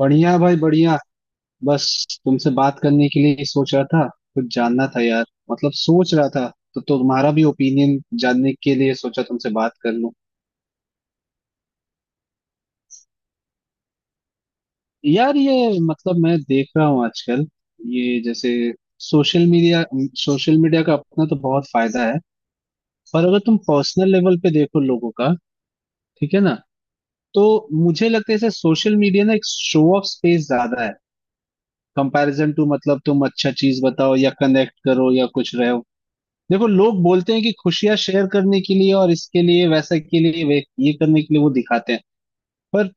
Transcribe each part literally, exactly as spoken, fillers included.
बढ़िया भाई बढ़िया। बस तुमसे बात करने के लिए ही सोच रहा था। कुछ जानना था यार। मतलब सोच रहा था तो तुम्हारा भी ओपिनियन जानने के लिए सोचा तुमसे बात कर लूं। यार ये मतलब मैं देख रहा हूँ आजकल ये जैसे सोशल मीडिया सोशल मीडिया का अपना तो बहुत फायदा है। पर अगर तुम पर्सनल लेवल पे देखो लोगों का, ठीक है ना? तो मुझे लगता है जैसे सोशल मीडिया ना एक शो ऑफ स्पेस ज्यादा है कंपैरिजन टू, मतलब तुम अच्छा चीज बताओ या कनेक्ट करो या कुछ रहो। देखो लोग बोलते हैं कि खुशियां शेयर करने के लिए और इसके लिए वैसा के लिए वे ये करने के लिए वो दिखाते हैं। पर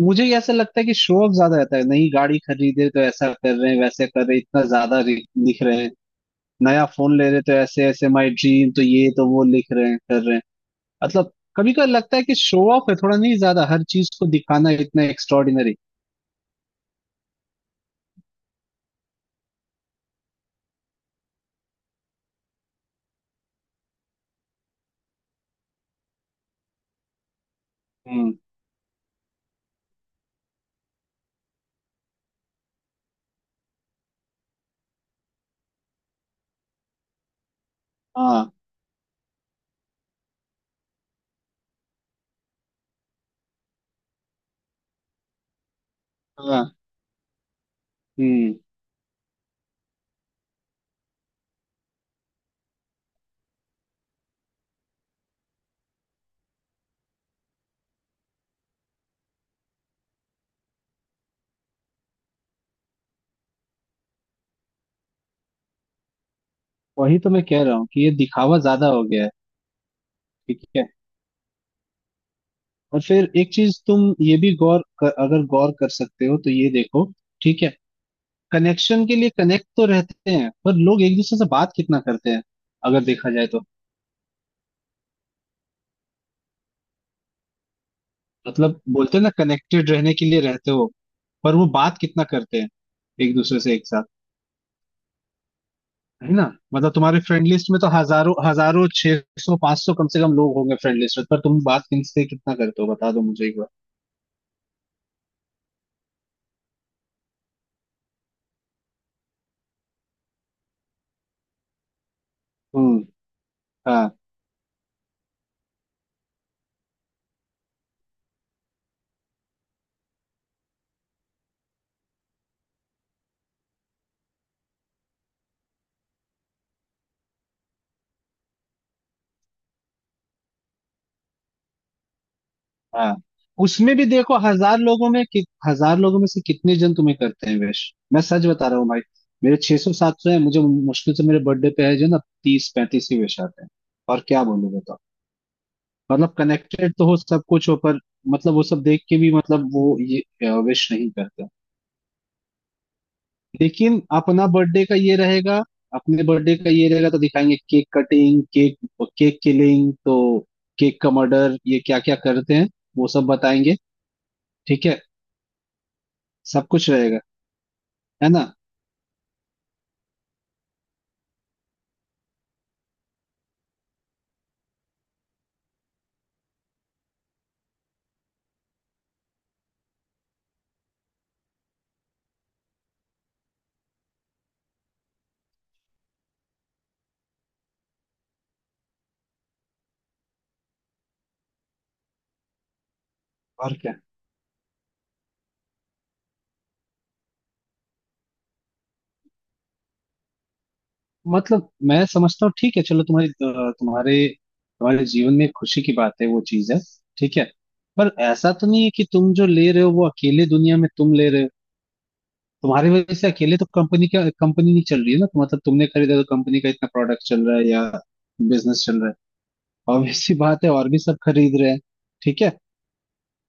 मुझे ये ऐसा लगता है कि शो ऑफ ज्यादा रहता है। नई गाड़ी खरीदे तो ऐसा कर रहे हैं वैसे कर रहे हैं, इतना ज्यादा रि- लिख रहे हैं। नया फोन ले रहे तो ऐसे ऐसे माई ड्रीम, तो ये तो वो लिख रहे हैं कर रहे हैं। मतलब कभी कभी लगता है कि शो ऑफ है थोड़ा नहीं ज्यादा, हर चीज को दिखाना इतना एक्स्ट्रॉर्डिनरी। हम्म। हाँ हाँ। हम्म। वही तो मैं कह रहा हूँ कि ये दिखावा ज्यादा हो गया है, ठीक है। और फिर एक चीज तुम ये भी गौर कर, अगर गौर कर सकते हो तो ये देखो, ठीक है। कनेक्शन के लिए कनेक्ट तो रहते हैं पर लोग एक दूसरे से बात कितना करते हैं अगर देखा जाए तो। मतलब बोलते हैं ना कनेक्टेड रहने के लिए रहते हो, पर वो बात कितना करते हैं एक दूसरे से एक साथ, है ना? मतलब तुम्हारे फ्रेंड लिस्ट में तो हजारों हजारों, छह सौ पांच सौ कम से कम लोग होंगे फ्रेंड लिस्ट में, पर तुम बात किनसे कितना करते हो बता दो मुझे एक बार। हम्म। हाँ। हाँ उसमें भी देखो हजार लोगों में कि, हजार लोगों में से कितने जन तुम्हें करते हैं विश। मैं सच बता रहा हूँ भाई, मेरे 600 सौ सात सौ है, मुझे मुश्किल से मेरे बर्थडे पे है जो ना तीस पैंतीस ही विश आते हैं। और क्या बोलूं बताओ। मतलब कनेक्टेड तो हो सब कुछ हो पर मतलब वो सब देख के भी मतलब वो ये विश नहीं करते। लेकिन अपना बर्थडे का ये रहेगा, अपने बर्थडे का ये रहेगा तो दिखाएंगे cake cutting, cake, cake killing तो, केक का मर्डर, ये क्या क्या करते हैं वो सब बताएंगे, ठीक है, सब कुछ रहेगा, है ना? और क्या, मतलब मैं समझता हूँ, ठीक है चलो, तुम्हारे तुम्हारे तुम्हारे जीवन में खुशी की बात है वो चीज है, ठीक है। पर ऐसा तो नहीं है कि तुम जो ले रहे हो वो अकेले दुनिया में तुम ले रहे हो। तुम्हारी वजह से अकेले तो कंपनी का कंपनी नहीं चल रही है ना, तो मतलब तुमने खरीदा तो कंपनी का इतना प्रोडक्ट चल रहा है या बिजनेस चल रहा है, ऑब्वियस सी बात है, और भी सब खरीद रहे हैं, ठीक है।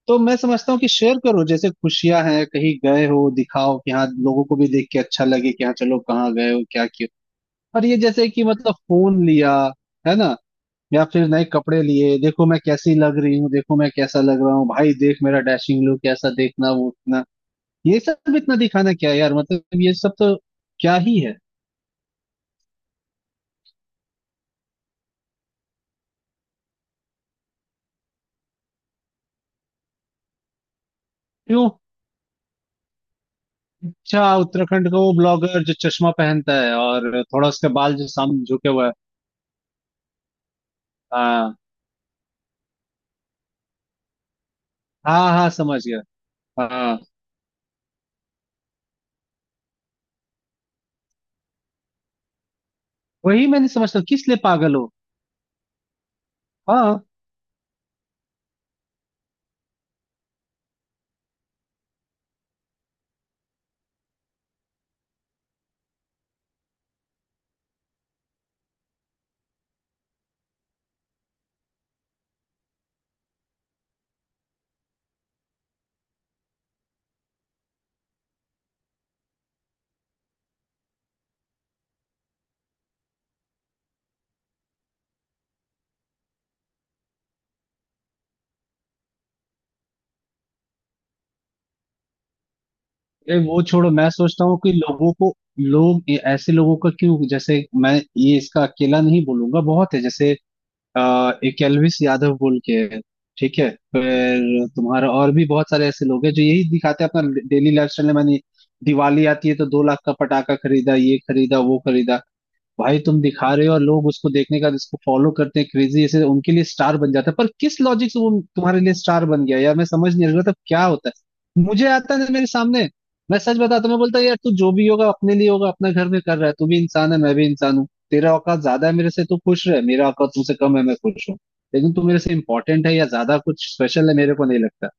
तो मैं समझता हूँ कि शेयर करो, जैसे खुशियां हैं कहीं गए हो, दिखाओ कि हाँ लोगों को भी देख के अच्छा लगे कि हाँ चलो कहाँ गए हो क्या किया। और ये जैसे कि मतलब फोन लिया है ना, या फिर नए कपड़े लिए, देखो मैं कैसी लग रही हूँ, देखो मैं कैसा लग रहा हूँ, भाई देख मेरा डैशिंग लुक कैसा, देखना वो उतना, ये सब इतना दिखाना क्या है यार, मतलब ये सब तो क्या ही है। क्यों? अच्छा उत्तराखंड का वो ब्लॉगर जो चश्मा पहनता है और थोड़ा उसके बाल जो सामने झुके हुए हैं। हाँ हाँ हाँ समझ गया। हाँ। वही मैंने समझता किस लिए पागल हो? हाँ। ए, वो छोड़ो, मैं सोचता हूँ कि लोगों को, लोग ए- ऐसे लोगों का क्यों, जैसे मैं ये इसका अकेला नहीं बोलूंगा, बहुत है जैसे आ, एक एल्विस यादव बोल के है, ठीक है, फिर तुम्हारा और भी बहुत सारे ऐसे लोग हैं जो यही दिखाते हैं अपना डेली लाइफ स्टाइल। मैंने, दिवाली आती है तो दो लाख का पटाखा खरीदा ये खरीदा वो खरीदा। भाई तुम दिखा रहे हो और लोग उसको देखने का इसको फॉलो करते हैं क्रेजी ऐसे, उनके लिए स्टार बन जाता है, पर किस लॉजिक से वो तुम्हारे लिए स्टार बन गया यार, मैं समझ नहीं आ रहा था क्या होता है मुझे, आता ना मेरे सामने। मैं सच बताता हूं, मैं बोलता यार तू जो भी होगा अपने लिए होगा, अपना घर में कर रहा है, तू भी इंसान है मैं भी इंसान हूँ, तेरा औकात ज्यादा है मेरे से तू खुश रहे, मेरा औकात तुमसे कम है मैं खुश हूँ, लेकिन तू मेरे से इंपॉर्टेंट है या ज्यादा कुछ स्पेशल है मेरे को नहीं लगता।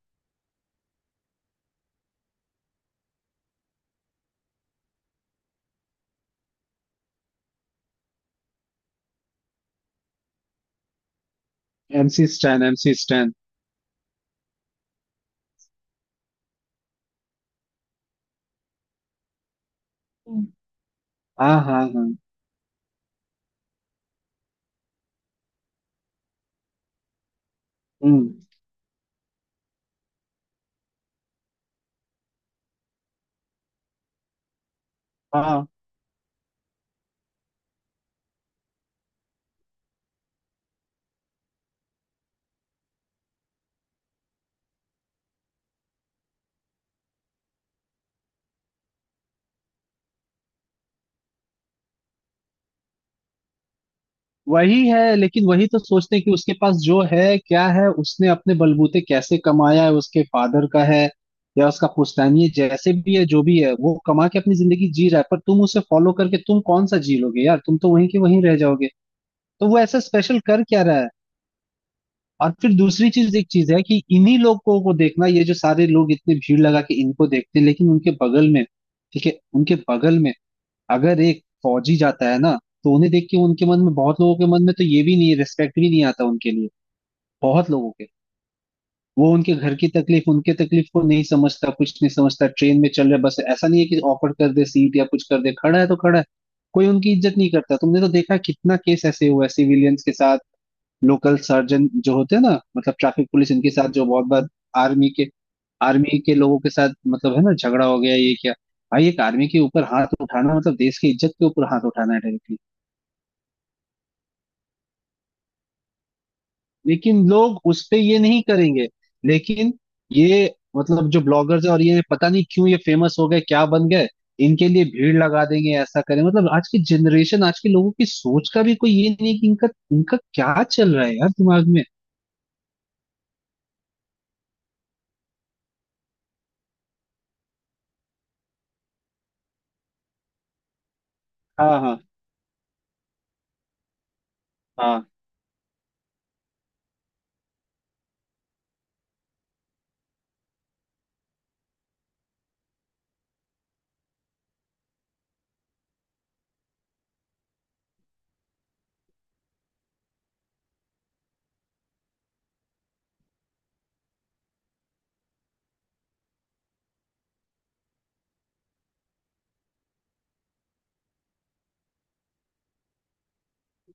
MC Stan, MC Stan. हम्म। हाँ हाँ हाँ। हम्म। हाँ वही है, लेकिन वही तो सोचते हैं कि उसके पास जो है क्या है, उसने अपने बलबूते कैसे कमाया है, उसके फादर का है या उसका पुश्तैनी है, जैसे भी है जो भी है, वो कमा के अपनी जिंदगी जी रहा है, पर तुम उसे फॉलो करके तुम कौन सा जी लोगे यार, तुम तो वहीं के वहीं रह जाओगे, तो वो ऐसा स्पेशल कर क्या रहा है। और फिर दूसरी चीज एक चीज है कि इन्हीं लोगों को देखना, ये जो सारे लोग इतने भीड़ लगा के इनको देखते हैं, लेकिन उनके बगल में, ठीक है, उनके बगल में अगर एक फौजी जाता है ना, तो उन्हें देख के उनके मन में, बहुत लोगों के मन में तो ये भी नहीं, रिस्पेक्ट भी नहीं आता उनके लिए, बहुत लोगों के। वो उनके घर की तकलीफ, उनके तकलीफ को नहीं समझता, कुछ नहीं समझता। ट्रेन में चल रहा है, बस ऐसा नहीं है कि ऑफर कर दे सीट या कुछ कर दे, खड़ा है तो खड़ा है। कोई उनकी इज्जत नहीं करता, तुमने तो देखा है कितना केस ऐसे हुआ है सिविलियंस के साथ, लोकल सर्जन जो होते हैं ना, मतलब ट्रैफिक पुलिस इनके साथ जो बहुत बार, आर्मी के आर्मी के लोगों के साथ मतलब है ना झगड़ा हो गया, ये क्या, भाई एक आर्मी के ऊपर हाथ उठाना मतलब देश की इज्जत के ऊपर हाथ उठाना है डायरेक्टली। लेकिन लोग उस पे ये नहीं करेंगे, लेकिन ये, मतलब जो ब्लॉगर्स है और ये पता नहीं क्यों ये फेमस हो गए क्या बन गए, इनके लिए भीड़ लगा देंगे ऐसा करें, मतलब आज की जनरेशन आज के लोगों की सोच का भी कोई ये नहीं है कि इनका इनका क्या चल रहा है यार दिमाग में। हाँ हाँ हाँ।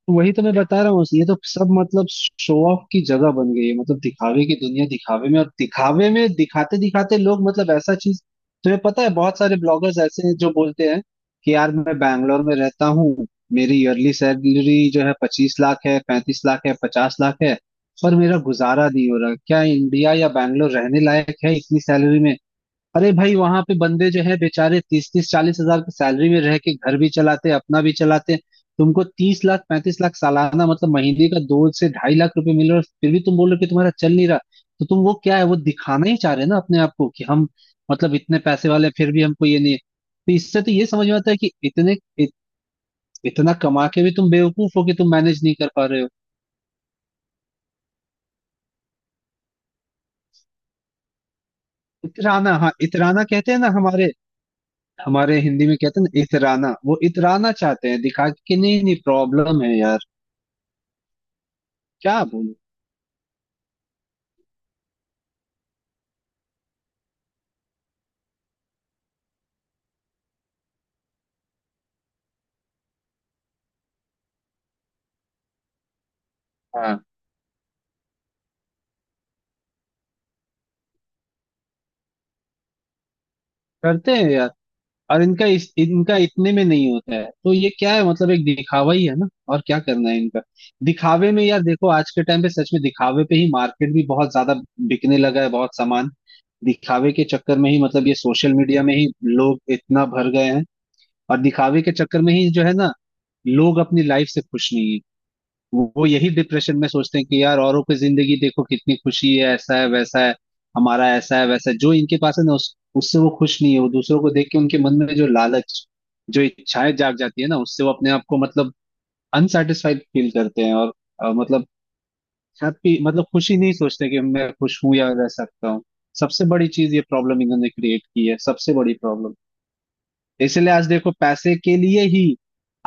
तो वही तो मैं बता रहा हूँ, ये तो सब मतलब शो ऑफ की जगह बन गई है, मतलब दिखावे की दुनिया, दिखावे में, और दिखावे में दिखाते दिखाते लोग मतलब ऐसा चीज। तुम्हें पता है बहुत सारे ब्लॉगर्स ऐसे हैं जो बोलते हैं कि यार मैं बैंगलोर में रहता हूँ, मेरी ईयरली सैलरी जो है पच्चीस लाख है पैंतीस लाख है पचास लाख है, पर मेरा गुजारा नहीं हो रहा, क्या इंडिया या बैंगलोर रहने लायक है इतनी सैलरी में। अरे भाई वहां पे बंदे जो है बेचारे तीस तीस चालीस हजार की सैलरी में रह के घर भी चलाते अपना भी चलाते। तुमको तीस लाख पैंतीस लाख सालाना, मतलब महीने का दो से ढाई लाख रुपए मिल रहा है, और फिर भी तुम बोल रहे हो कि तुम्हारा चल नहीं रहा, तो तुम वो क्या है वो दिखाना ही चाह रहे हैं ना अपने आप को कि हम मतलब इतने पैसे वाले हैं, फिर भी हमको ये नहीं है, तो इससे तो ये समझ में आता है कि इतने इत, इतना कमा के भी तुम बेवकूफ हो कि तुम मैनेज नहीं कर पा रहे हो। इतराना, हाँ इतराना कहते हैं ना हमारे, हमारे हिंदी में कहते हैं ना इतराना, वो इतराना चाहते हैं दिखा के कि नहीं नहीं प्रॉब्लम है यार। क्या बोलूं। हाँ करते हैं यार, और इनका इस, इनका इतने में नहीं होता है तो ये क्या है मतलब एक दिखावा ही है ना, और क्या करना है इनका। दिखावे में यार देखो आज के टाइम पे सच में दिखावे पे ही मार्केट भी बहुत ज्यादा बिकने लगा है, बहुत सामान दिखावे के चक्कर में ही, मतलब ये सोशल मीडिया में ही लोग इतना भर गए हैं। और दिखावे के चक्कर में ही जो है ना, लोग अपनी लाइफ से खुश नहीं है। वो वो यही डिप्रेशन में सोचते हैं कि यार औरों की जिंदगी देखो कितनी खुशी है ऐसा है वैसा है, हमारा ऐसा है वैसा है, जो इनके पास है ना उस उससे वो खुश नहीं है, वो दूसरों को देख के उनके मन में जो लालच, जो इच्छाएं जाग जाती है ना, उससे वो अपने आप को मतलब अनसेटिस्फाइड फील करते हैं, और अ, मतलब हैप्पी मतलब खुशी नहीं सोचते कि मैं खुश हूं या रह सकता हूँ। सबसे बड़ी चीज ये प्रॉब्लम इन्होंने क्रिएट की है, सबसे बड़ी प्रॉब्लम। इसलिए आज देखो पैसे के लिए ही,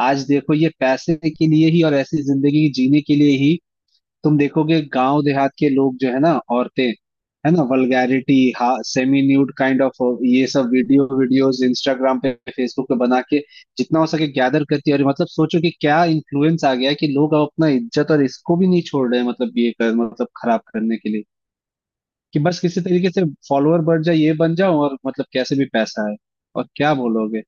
आज देखो ये पैसे के लिए ही और ऐसी जिंदगी जीने के लिए ही तुम देखोगे गांव देहात के लोग जो है ना, औरतें, है ना, वल्गैरिटी, हा, सेमी न्यूड काइंड ऑफ ये सब वीडियो वीडियोस इंस्टाग्राम पे फेसबुक पे बना के जितना हो सके गैदर करती है, और मतलब सोचो कि क्या इन्फ्लुएंस आ गया है कि लोग अब अपना इज्जत और इसको भी नहीं छोड़ रहे हैं, मतलब ये कर मतलब खराब करने के लिए कि बस किसी तरीके से फॉलोअर बढ़ जाए ये बन जाओ और मतलब कैसे भी पैसा है। और क्या बोलोगे।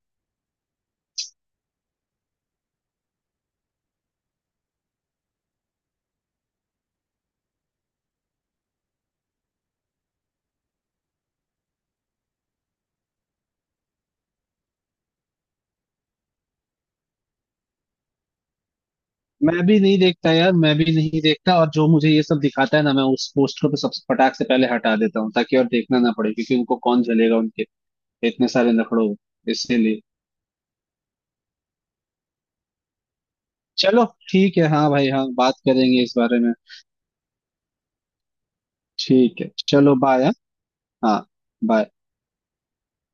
मैं भी नहीं देखता यार, मैं भी नहीं देखता, और जो मुझे ये सब दिखाता है ना मैं उस पोस्टर पे सबसे फटाक से पहले हटा देता हूँ ताकि और देखना ना पड़े, क्योंकि उनको कौन झलेगा उनके इतने सारे नखड़ों, इसीलिए। चलो। ठीक है, हाँ भाई हाँ बात करेंगे इस बारे में। ठीक है चलो, बाय। हाँ, बाय।